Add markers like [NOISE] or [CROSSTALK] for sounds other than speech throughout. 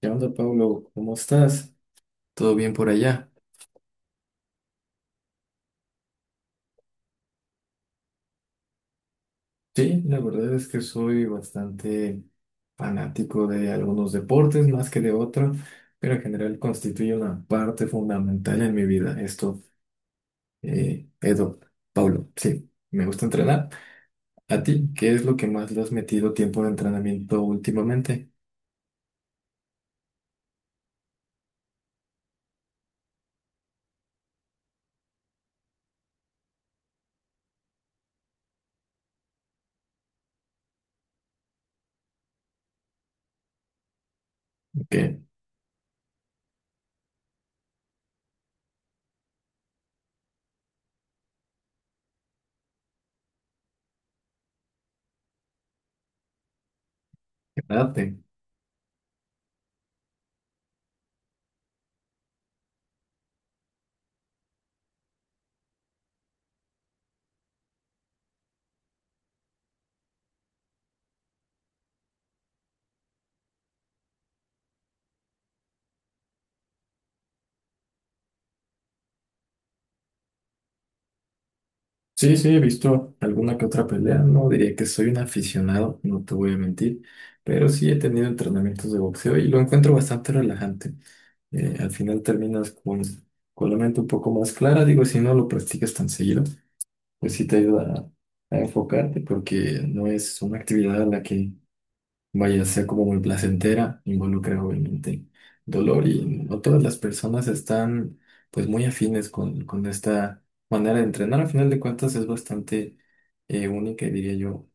¿Qué onda, Pablo? ¿Cómo estás? ¿Todo bien por allá? Sí, la verdad es que soy bastante fanático de algunos deportes más que de otros, pero en general constituye una parte fundamental en mi vida. Eh, Edo, Pablo, sí, me gusta entrenar. ¿A ti qué es lo que más le has metido tiempo de entrenamiento últimamente? ¿Qué? ¿Qué edad? Sí, sí, he visto alguna que otra pelea. No diría que soy un aficionado, no te voy a mentir, pero sí he tenido entrenamientos de boxeo y lo encuentro bastante relajante. Al final terminas con la mente un poco más clara. Digo, si no lo practicas tan seguido, pues sí te ayuda a enfocarte porque no es una actividad a la que vaya a ser como muy placentera, involucra obviamente dolor y no todas las personas están pues muy afines con esta manera de entrenar. Al final de cuentas es bastante única y diría yo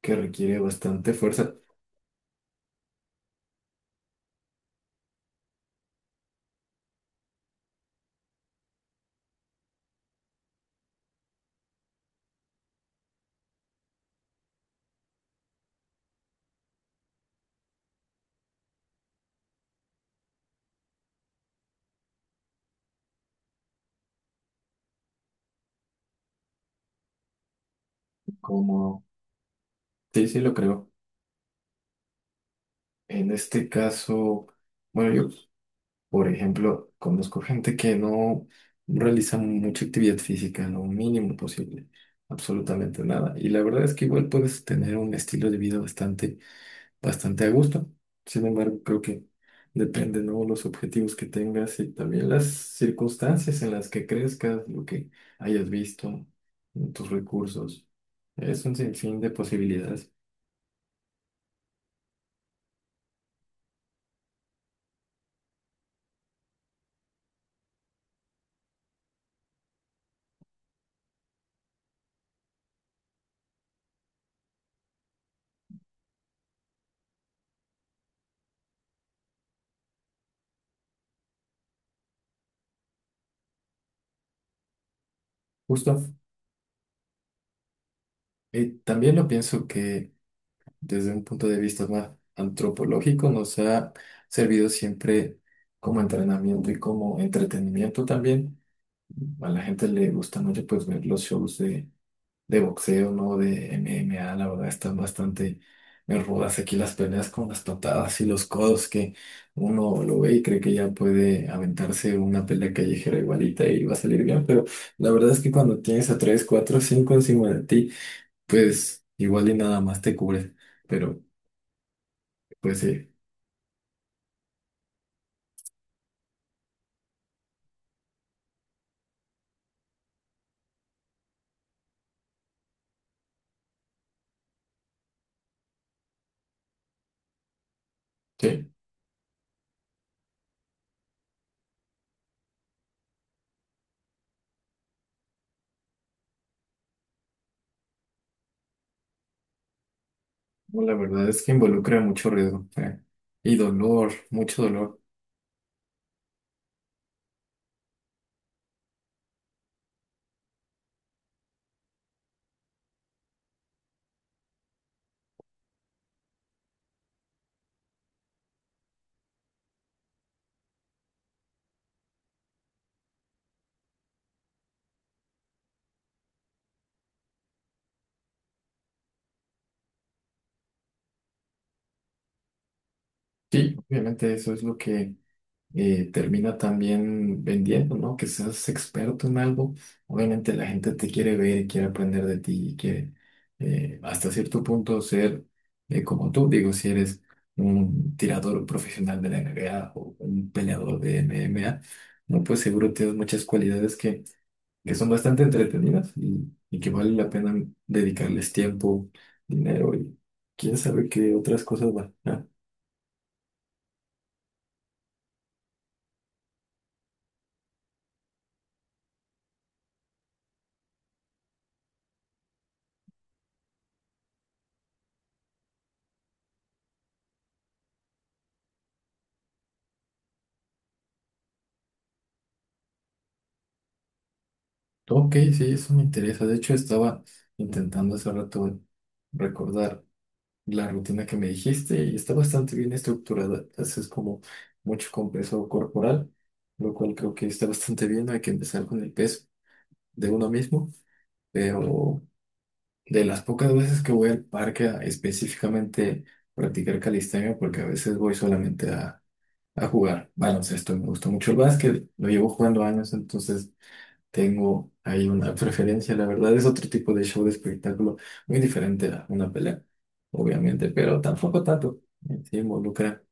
que requiere bastante fuerza, como sí, sí lo creo. En este caso, bueno, yo por ejemplo conozco gente que no realiza mucha actividad física, lo mínimo posible. Absolutamente nada. Y la verdad es que igual puedes tener un estilo de vida bastante bastante a gusto. Sin embargo, creo que depende, ¿no? Los objetivos que tengas y también las circunstancias en las que crezcas, lo que hayas visto, tus recursos. Es un sinfín de posibilidades. Justo. Y también lo pienso que desde un punto de vista más antropológico nos ha servido siempre como entrenamiento y como entretenimiento también. A la gente le gusta mucho pues ver los shows de boxeo, ¿no? De MMA, la verdad están bastante rudas aquí las peleas con las patadas y los codos que uno lo ve y cree que ya puede aventarse una pelea callejera igualita y va a salir bien, pero la verdad es que cuando tienes a 3 4 5 encima de ti, pues igual y nada más te cubre, pero pues sí, sí, no, la verdad es que involucra mucho riesgo, eh. Y dolor, mucho dolor. Sí, obviamente eso es lo que termina también vendiendo, ¿no? Que seas experto en algo. Obviamente la gente te quiere ver y quiere aprender de ti y quiere hasta cierto punto ser como tú. Digo, si eres un tirador profesional de la NBA o un peleador de MMA, no, pues seguro tienes muchas cualidades que son bastante entretenidas y que vale la pena dedicarles tiempo, dinero y quién sabe qué otras cosas van. Ok, sí, eso me interesa. De hecho, estaba intentando hace rato recordar la rutina que me dijiste y está bastante bien estructurada. Haces como mucho con peso corporal, lo cual creo que está bastante bien. Hay que empezar con el peso de uno mismo, pero de las pocas veces que voy al parque a específicamente practicar calistenia, porque a veces voy solamente a jugar baloncesto. Me gusta mucho el básquet, lo llevo jugando años, entonces tengo ahí una [LAUGHS] preferencia, la verdad. Es otro tipo de show de espectáculo, muy diferente a una pelea, obviamente, pero tampoco tanto. Sí, involucra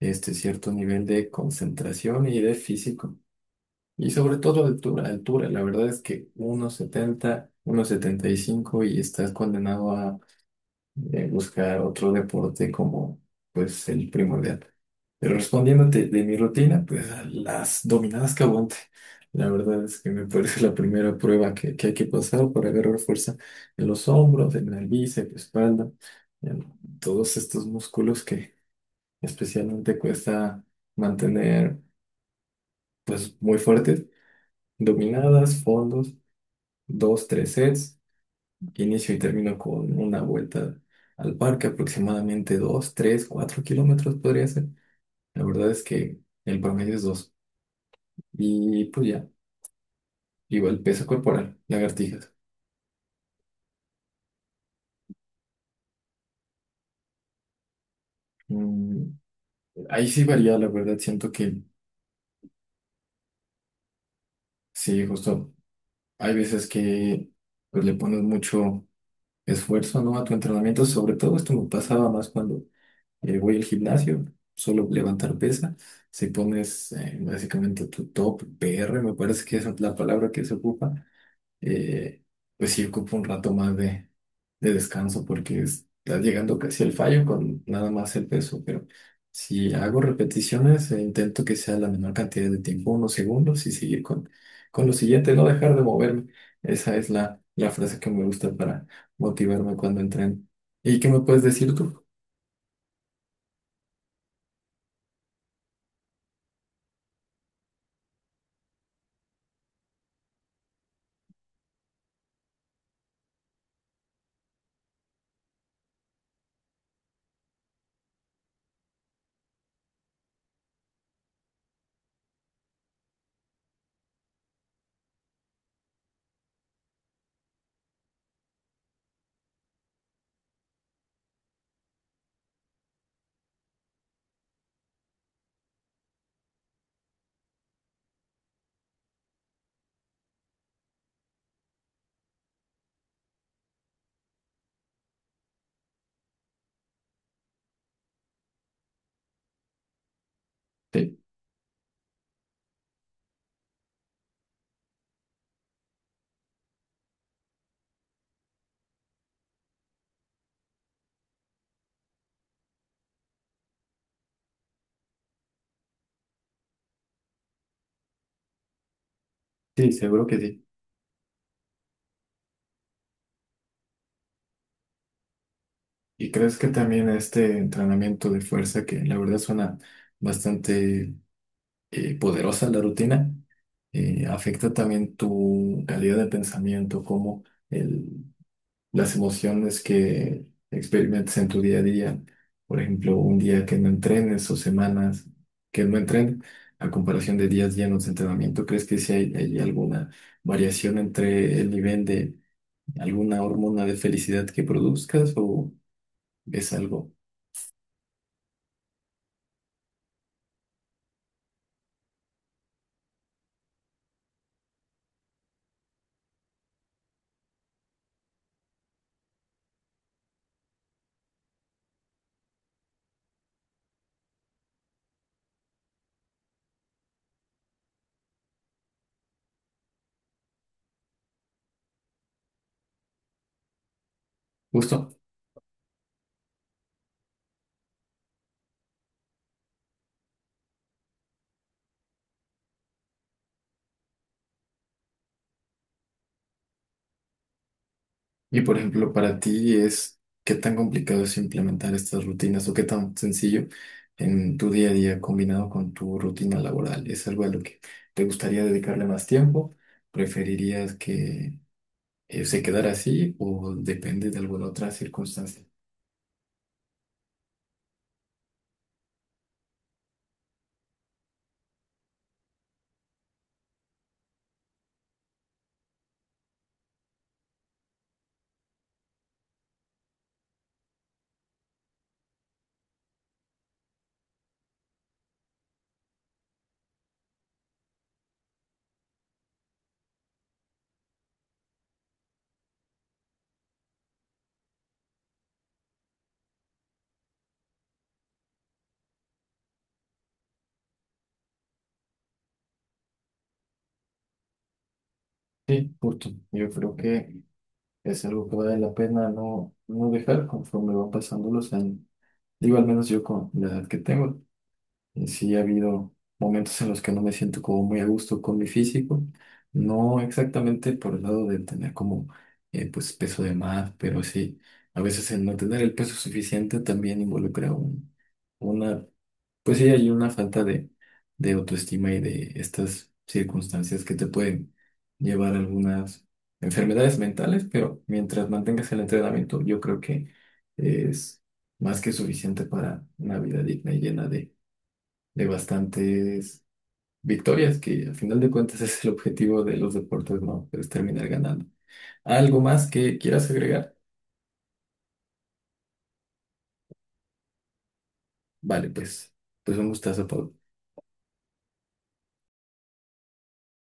este cierto nivel de concentración y de físico. Y sobre todo de altura, altura. La verdad es que 1,70, 1,75 y cinco y estás condenado buscar otro deporte como pues el primordial. Pero respondiéndote de mi rutina, pues a las dominadas que aguante. La verdad es que me [LAUGHS] parece la primera prueba que hay que pasar para agarrar fuerza en los hombros, en el bíceps, espalda, en todos estos músculos que especialmente cuesta mantener pues muy fuertes. Dominadas, fondos, dos, tres sets. Inicio y termino con una vuelta al parque, aproximadamente 2 3 4 kilómetros podría ser. La verdad es que el promedio es dos. Y pues ya, igual peso corporal, lagartijas. Mm, ahí sí varía, la verdad, siento que sí, justo hay veces que pues le pones mucho esfuerzo, ¿no? A tu entrenamiento, sobre todo esto me pasaba más cuando voy al gimnasio, solo levantar pesa. Si pones básicamente tu top PR, me parece que esa es la palabra que se ocupa, eh, pues sí ocupa un rato más de descanso porque estás llegando casi al fallo con nada más el peso. Pero si hago repeticiones, intento que sea la menor cantidad de tiempo, unos segundos, y seguir con lo siguiente, no dejar de moverme. Esa es la frase que me gusta para motivarme cuando entreno. ¿Y qué me puedes decir tú? Sí. Sí, seguro que sí. ¿Y crees que también este entrenamiento de fuerza, que la verdad suena bastante poderosa la rutina, afecta también tu calidad de pensamiento, como el, las emociones que experimentas en tu día a día? Por ejemplo, un día que no entrenes o semanas que no entrenes, a comparación de días llenos de entrenamiento, ¿crees que sí hay alguna variación entre el nivel de alguna hormona de felicidad que produzcas o... es algo justo. Y por ejemplo, para ti es qué tan complicado es implementar estas rutinas o qué tan sencillo en tu día a día combinado con tu rutina laboral. ¿Es algo a lo que te gustaría dedicarle más tiempo? ¿Preferirías que se quedara así o depende de alguna otra circunstancia? Sí, justo. Yo creo que es algo que vale la pena no, no dejar conforme van pasando los años. Digo, al menos yo con la edad que tengo. Y sí, ha habido momentos en los que no me siento como muy a gusto con mi físico. No exactamente por el lado de tener como pues peso de más, pero sí, a veces el no tener el peso suficiente también involucra una, pues sí, hay una falta de autoestima y de estas circunstancias que te pueden llevar a algunas enfermedades mentales, pero mientras mantengas el entrenamiento, yo creo que es más que suficiente para una vida digna y llena de bastantes victorias, que al final de cuentas [LAUGHS] es el objetivo de los deportes, ¿no? Es terminar ganando. ¿Algo más que quieras agregar? Vale, pues un gustazo, Pau.